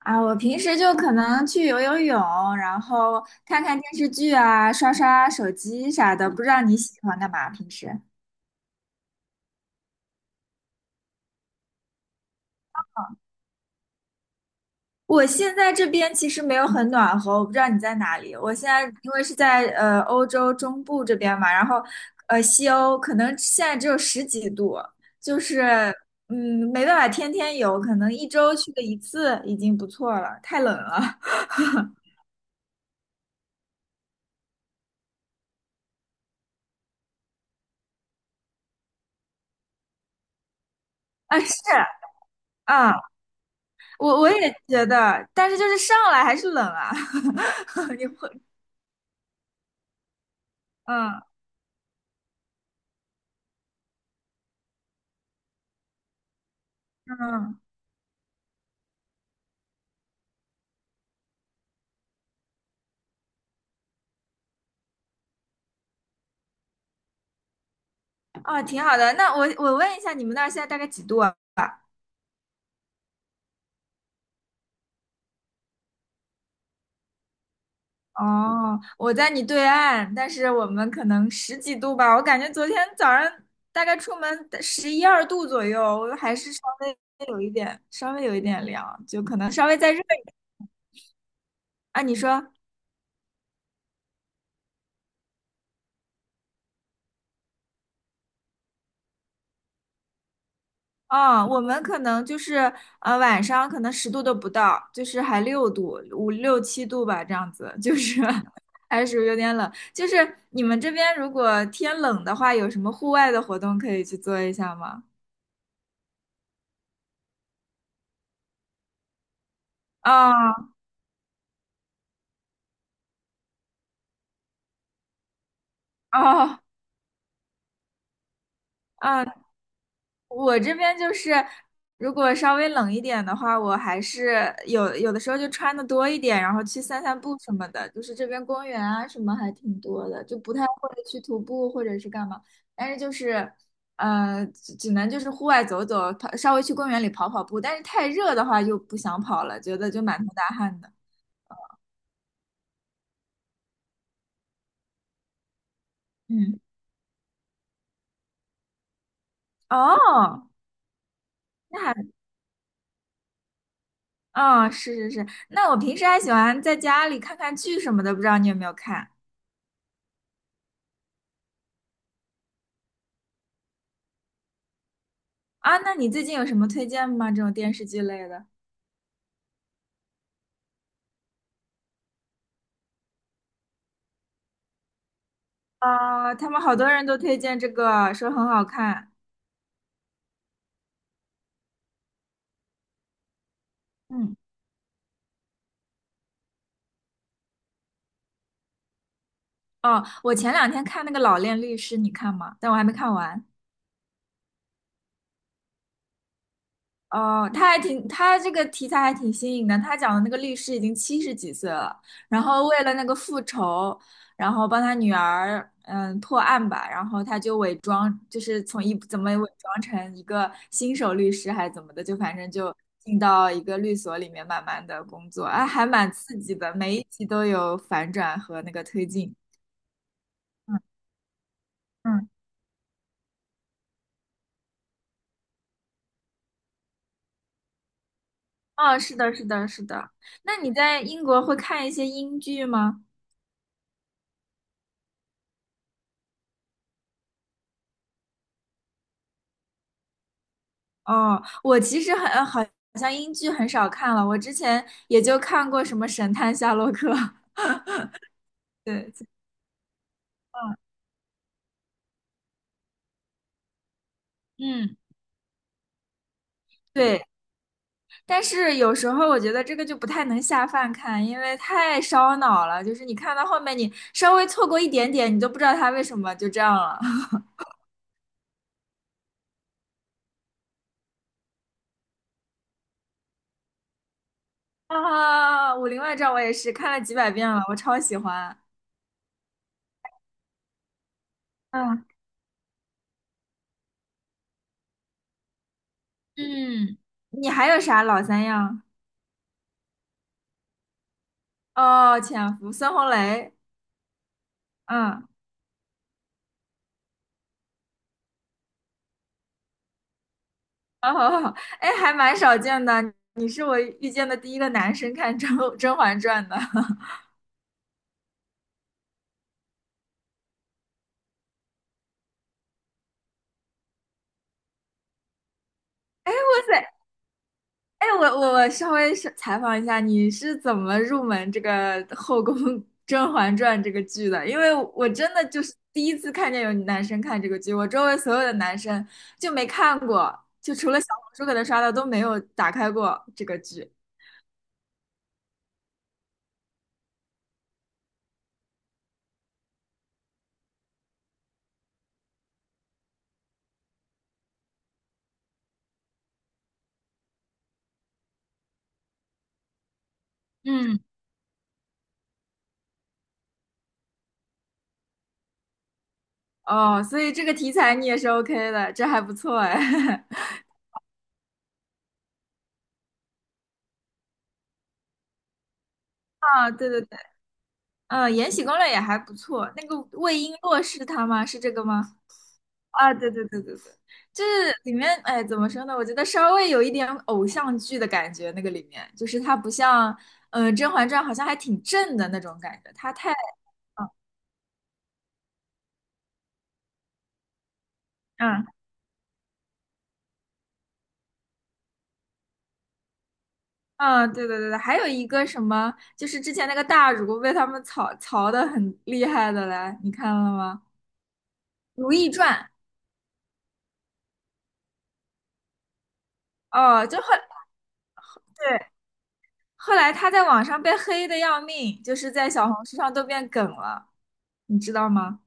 啊，我平时就可能去游游泳，然后看看电视剧啊，刷刷手机啥的。不知道你喜欢干嘛？平时我现在这边其实没有很暖和，我不知道你在哪里。我现在因为是在欧洲中部这边嘛，然后西欧可能现在只有十几度，就是没办法天天游，可能一周去个一次已经不错了，太冷了。啊，是啊。啊我也觉得，但是就是上来还是冷啊，你会，嗯嗯，哦，挺好的。那我问一下，你们那儿现在大概几度啊？哦，我在你对岸，但是我们可能十几度吧。我感觉昨天早上大概出门十一二度左右，我还是稍微有一点，稍微有一点凉，就可能稍微再热一点啊。你说，啊、我们可能就是晚上可能十度都不到，就是还六度五六七度吧，这样子，就是 还是属于有点冷。就是你们这边如果天冷的话，有什么户外的活动可以去做一下吗？啊啊啊！我这边就是，如果稍微冷一点的话，我还是有的时候就穿的多一点，然后去散散步什么的。就是这边公园啊什么还挺多的，就不太会去徒步或者是干嘛。但是就是，只能就是户外走走，跑稍微去公园里跑跑步。但是太热的话就不想跑了，觉得就满头大汗的。嗯，哦，那还，哦，是是是。那我平时还喜欢在家里看看剧什么的，不知道你有没有看？啊，那你最近有什么推荐吗？这种电视剧类的？啊，他们好多人都推荐这个，说很好看。嗯，哦，我前两天看那个《老练律师》，你看吗？但我还没看完。哦，他还挺，他这个题材还挺新颖的。他讲的那个律师已经七十几岁了，然后为了那个复仇，然后帮他女儿破案吧，然后他就伪装，就是从一怎么伪装成一个新手律师还是怎么的，就反正就进到一个律所里面慢慢的工作，哎，还蛮刺激的，每一集都有反转和那个推进。嗯嗯，哦，是的，是的，是的。那你在英国会看一些英剧吗？哦，我其实很好像英剧很少看了，我之前也就看过什么《神探夏洛克》，对，嗯，对，但是有时候我觉得这个就不太能下饭看，因为太烧脑了，就是你看到后面，你稍微错过一点点，你都不知道他为什么就这样了。啊，《武林外传》我也是看了几百遍了，我超喜欢。嗯嗯，你还有啥老三样？哦，《潜伏》孙红雷。嗯。好好好，哎，还蛮少见的。你是我遇见的第一个男生看《甄嬛传》的。哇塞，哎，我稍微是采访一下，你是怎么入门这个后宫《甄嬛传》这个剧的？因为我真的就是第一次看见有男生看这个剧，我周围所有的男生就没看过，就除了小红书可能刷到都没有打开过这个剧。嗯，哦，所以这个题材你也是 OK 的，这还不错哎。啊，对对对。嗯，延禧攻略》也还不错。那个魏璎珞是她吗？是这个吗？啊，对对对对对，就是里面，哎，怎么说呢？我觉得稍微有一点偶像剧的感觉，那个里面就是它不像，甄嬛传》好像还挺正的那种感觉，它太，嗯嗯，啊对对对对，还有一个什么，就是之前那个大儒被他们槽槽的很厉害的来，你看了吗？《如懿传》哦，就很。对，后来他在网上被黑的要命，就是在小红书上都变梗了，你知道吗？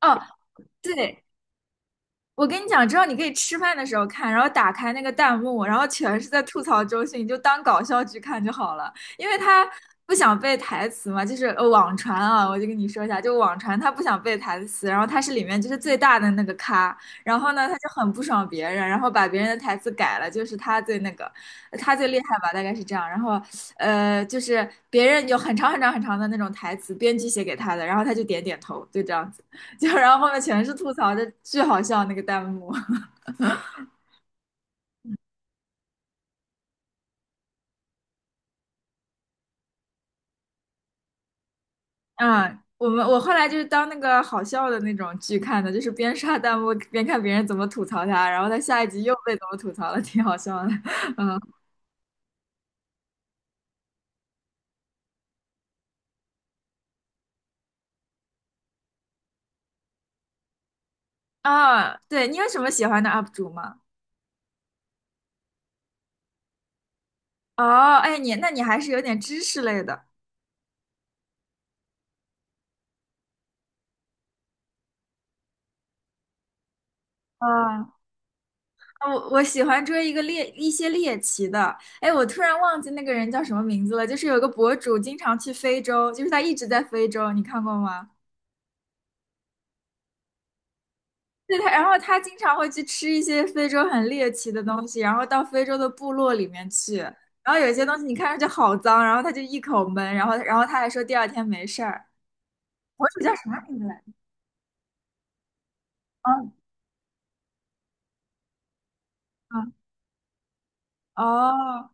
哦，对，我跟你讲，之后你可以吃饭的时候看，然后打开那个弹幕，然后全是在吐槽周迅，你就当搞笑剧看就好了，因为他不想背台词嘛，就是网传啊，我就跟你说一下，就网传他不想背台词，然后他是里面就是最大的那个咖，然后呢他就很不爽别人，然后把别人的台词改了，就是他最那个，他最厉害吧，大概是这样，然后就是别人有很长很长很长的那种台词，编辑写给他的，然后他就点点头，就这样子。就然后后面全是吐槽的，巨好笑那个弹幕。嗯，我们我后来就是当那个好笑的那种剧看的，就是边刷弹幕边看别人怎么吐槽他，然后他下一集又被怎么吐槽了，挺好笑的。嗯啊，对你有什么喜欢的 UP 主吗？哦，哎，你那你还是有点知识类的。啊，我喜欢追一个猎一些猎奇的，哎，我突然忘记那个人叫什么名字了，就是有个博主经常去非洲，就是他一直在非洲，你看过吗？对他，然后他经常会去吃一些非洲很猎奇的东西，然后到非洲的部落里面去，然后有些东西你看上去好脏，然后他就一口闷，然后他还说第二天没事儿。博主叫啥名字来着？哦，嗯，哦，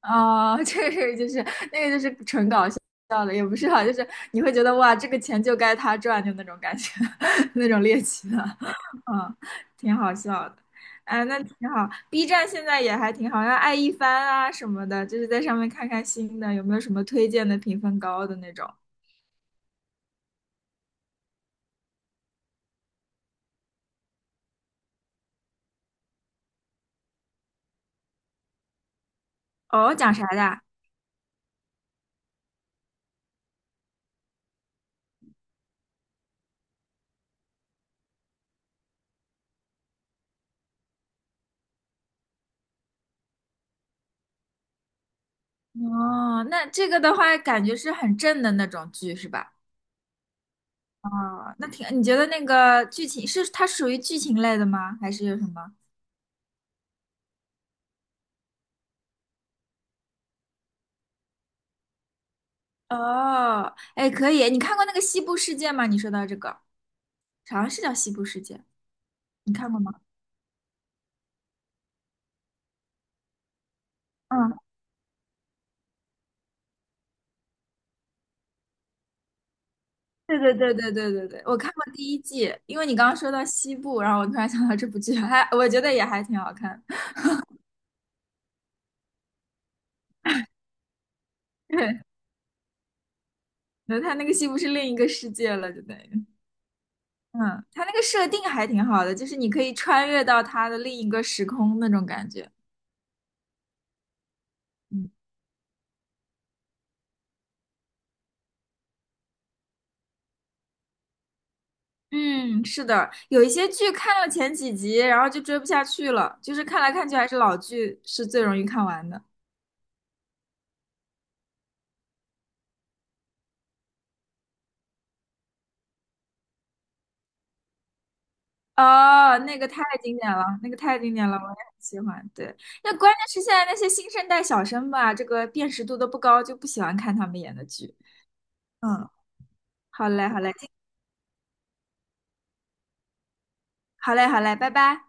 啊、这个就是那个就是纯搞笑的，也不是啊，就是你会觉得哇，这个钱就该他赚，就那种感觉，那种猎奇的，嗯，挺好笑的。哎，那挺好。B 站现在也还挺好，像爱一番啊什么的，就是在上面看看新的，有没有什么推荐的评分高的那种。哦，讲啥的啊哦，那这个的话，感觉是很正的那种剧，是吧？哦，那挺，你觉得那个剧情是它属于剧情类的吗？还是有什么？哦，哎，可以，你看过那个西部世界吗？你说到这个，好像是叫西部世界，你看过吗？嗯，对对对对对对对，我看过第一季，因为你刚刚说到西部，然后我突然想到这部剧，还我觉得也还挺好看。对，那他那个西部是另一个世界了，就等于，嗯，他那个设定还挺好的，就是你可以穿越到他的另一个时空那种感觉。嗯。嗯，是的，有一些剧看了前几集，然后就追不下去了，就是看来看去还是老剧是最容易看完的。哦，那个太经典了，那个太经典了，我也很喜欢。对，那关键是现在那些新生代小生吧，这个辨识度都不高，就不喜欢看他们演的剧。嗯，好嘞，好嘞，好嘞，好嘞，拜拜。